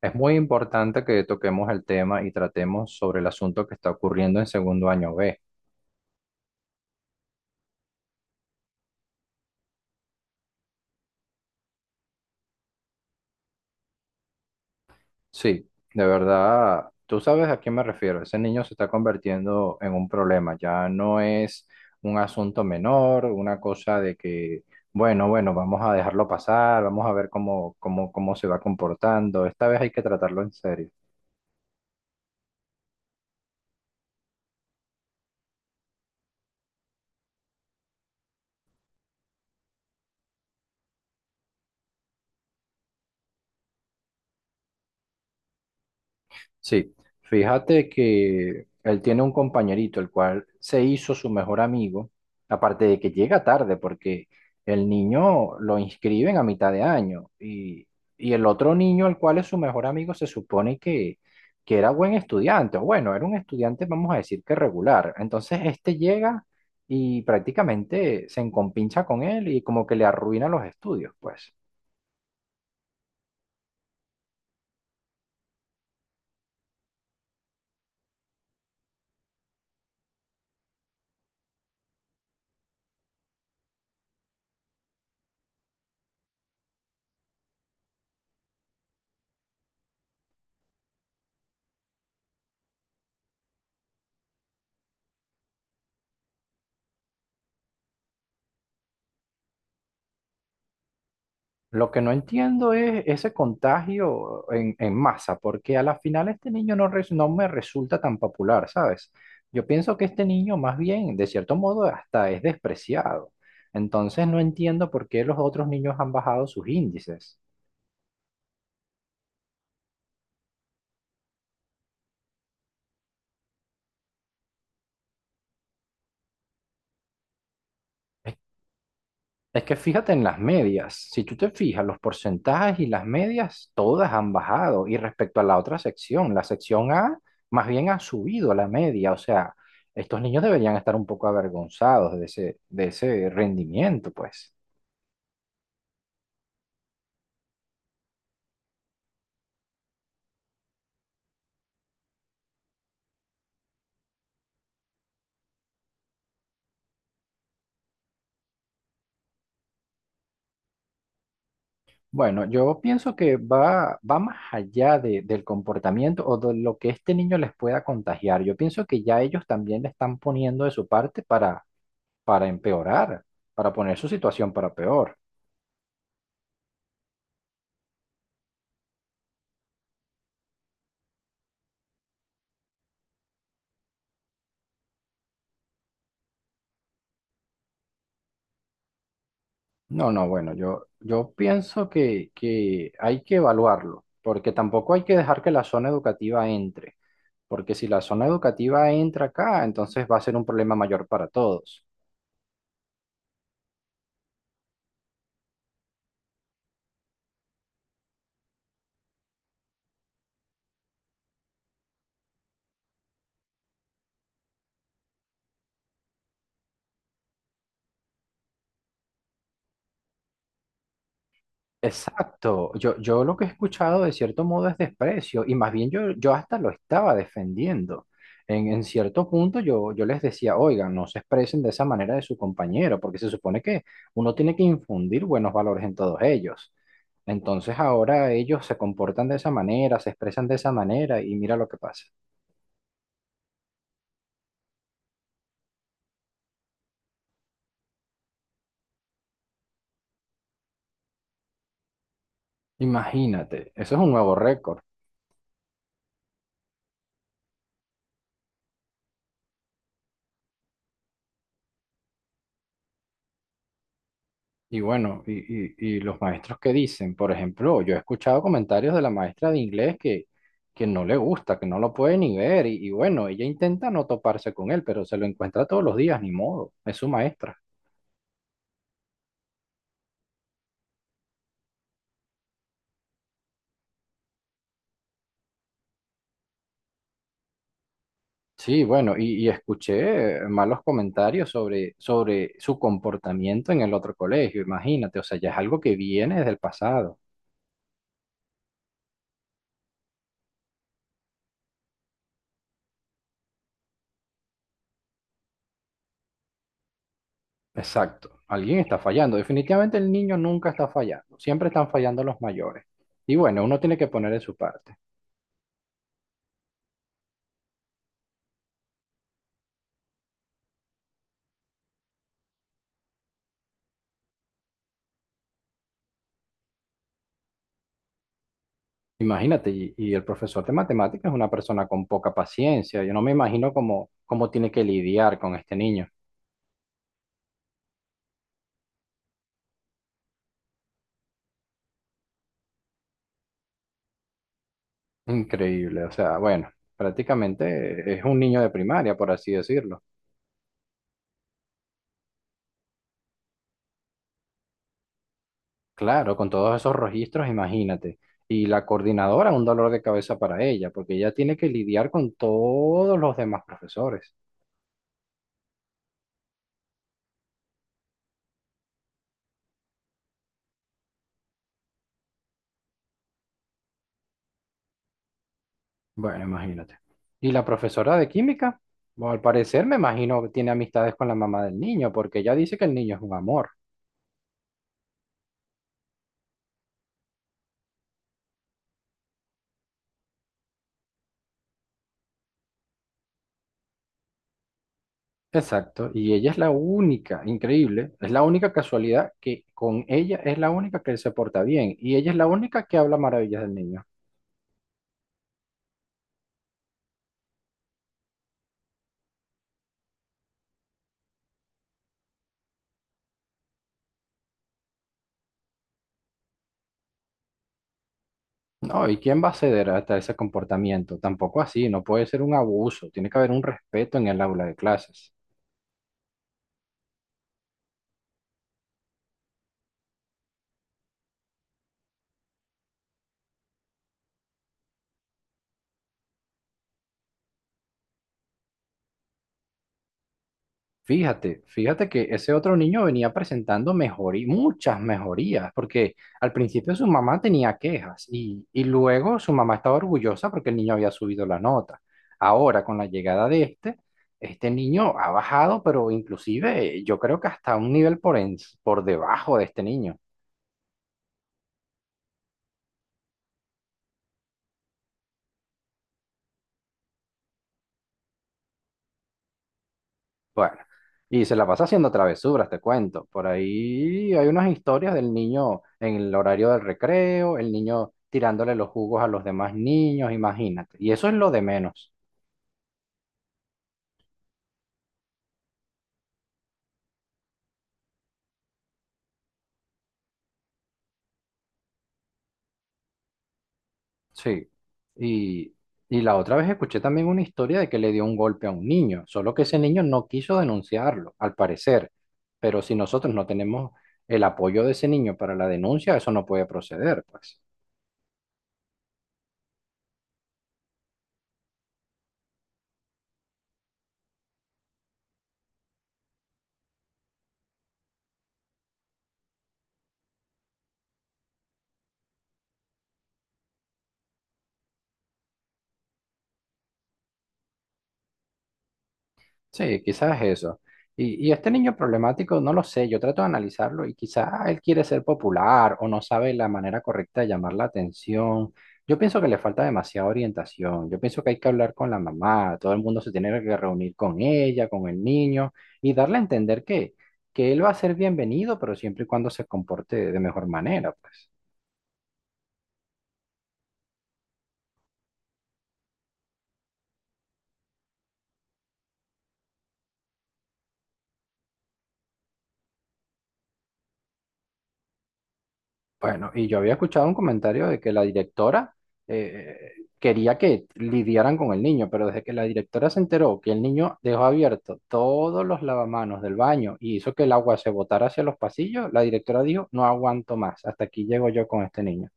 Es muy importante que toquemos el tema y tratemos sobre el asunto que está ocurriendo en segundo año B. Sí, de verdad, tú sabes a quién me refiero. Ese niño se está convirtiendo en un problema. Ya no es un asunto menor, una cosa de que, bueno, vamos a dejarlo pasar, vamos a ver cómo, cómo se va comportando. Esta vez hay que tratarlo en serio. Sí, fíjate que él tiene un compañerito, el cual se hizo su mejor amigo, aparte de que llega tarde, porque el niño lo inscriben a mitad de año y el otro niño, el cual es su mejor amigo, se supone que era buen estudiante, o bueno, era un estudiante, vamos a decir que regular. Entonces este llega y prácticamente se encompincha con él y como que le arruina los estudios, pues. Lo que no entiendo es ese contagio en masa, porque a la final este niño no, no me resulta tan popular, ¿sabes? Yo pienso que este niño más bien, de cierto modo, hasta es despreciado. Entonces no entiendo por qué los otros niños han bajado sus índices. Es que fíjate en las medias, si tú te fijas, los porcentajes y las medias, todas han bajado. Y respecto a la otra sección, la sección A más bien ha subido la media. O sea, estos niños deberían estar un poco avergonzados de ese rendimiento, pues. Bueno, yo pienso que va más allá del comportamiento o de lo que este niño les pueda contagiar. Yo pienso que ya ellos también le están poniendo de su parte para empeorar, para poner su situación para peor. No, no, bueno, yo pienso que hay que evaluarlo, porque tampoco hay que dejar que la zona educativa entre, porque si la zona educativa entra acá, entonces va a ser un problema mayor para todos. Exacto, yo lo que he escuchado de cierto modo es desprecio y más bien yo, yo hasta lo estaba defendiendo. En cierto punto yo les decía, oigan, no se expresen de esa manera de su compañero, porque se supone que uno tiene que infundir buenos valores en todos ellos. Entonces ahora ellos se comportan de esa manera, se expresan de esa manera y mira lo que pasa. Imagínate, eso es un nuevo récord. Y bueno, y los maestros que dicen, por ejemplo, yo he escuchado comentarios de la maestra de inglés que no le gusta, que no lo puede ni ver, y bueno, ella intenta no toparse con él, pero se lo encuentra todos los días, ni modo, es su maestra. Sí, bueno, y escuché malos comentarios sobre, sobre su comportamiento en el otro colegio, imagínate, o sea, ya es algo que viene desde el pasado. Exacto, alguien está fallando, definitivamente el niño nunca está fallando, siempre están fallando los mayores. Y bueno, uno tiene que poner de su parte. Imagínate, y el profesor de matemáticas es una persona con poca paciencia. Yo no me imagino cómo, cómo tiene que lidiar con este niño. Increíble, o sea, bueno, prácticamente es un niño de primaria, por así decirlo. Claro, con todos esos registros, imagínate. Y la coordinadora, un dolor de cabeza para ella, porque ella tiene que lidiar con todos los demás profesores. Bueno, imagínate. Y la profesora de química, bueno, al parecer me imagino que tiene amistades con la mamá del niño, porque ella dice que el niño es un amor. Exacto, y ella es la única, increíble, es la única casualidad que con ella es la única que se porta bien y ella es la única que habla maravillas del niño. No, ¿y quién va a ceder hasta ese comportamiento? Tampoco así, no puede ser un abuso, tiene que haber un respeto en el aula de clases. Fíjate, fíjate que ese otro niño venía presentando muchas mejorías, porque al principio su mamá tenía quejas y luego su mamá estaba orgullosa porque el niño había subido la nota. Ahora, con la llegada de este, este niño ha bajado, pero inclusive yo creo que hasta un nivel por, por debajo de este niño. Bueno, y se la pasa haciendo travesuras, te cuento. Por ahí hay unas historias del niño en el horario del recreo, el niño tirándole los jugos a los demás niños, imagínate. Y eso es lo de menos. Sí. Y, y la otra vez escuché también una historia de que le dio un golpe a un niño, solo que ese niño no quiso denunciarlo, al parecer. Pero si nosotros no tenemos el apoyo de ese niño para la denuncia, eso no puede proceder, pues. Sí, quizás eso. Y este niño problemático, no lo sé, yo trato de analizarlo y quizás él quiere ser popular o no sabe la manera correcta de llamar la atención. Yo pienso que le falta demasiada orientación. Yo pienso que hay que hablar con la mamá, todo el mundo se tiene que reunir con ella, con el niño y darle a entender que él va a ser bienvenido, pero siempre y cuando se comporte de mejor manera, pues. Bueno, y yo había escuchado un comentario de que la directora eh, quería que lidiaran con el niño, pero desde que la directora se enteró que el niño dejó abierto todos los lavamanos del baño y hizo que el agua se botara hacia los pasillos, la directora dijo, no aguanto más, hasta aquí llego yo con este niño.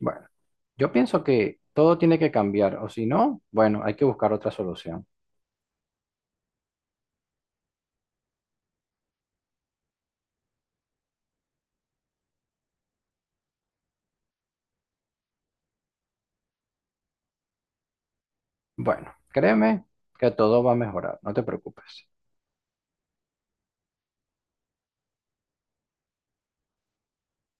Bueno, yo pienso que todo tiene que cambiar, o si no, bueno, hay que buscar otra solución. Bueno, créeme que todo va a mejorar, no te preocupes.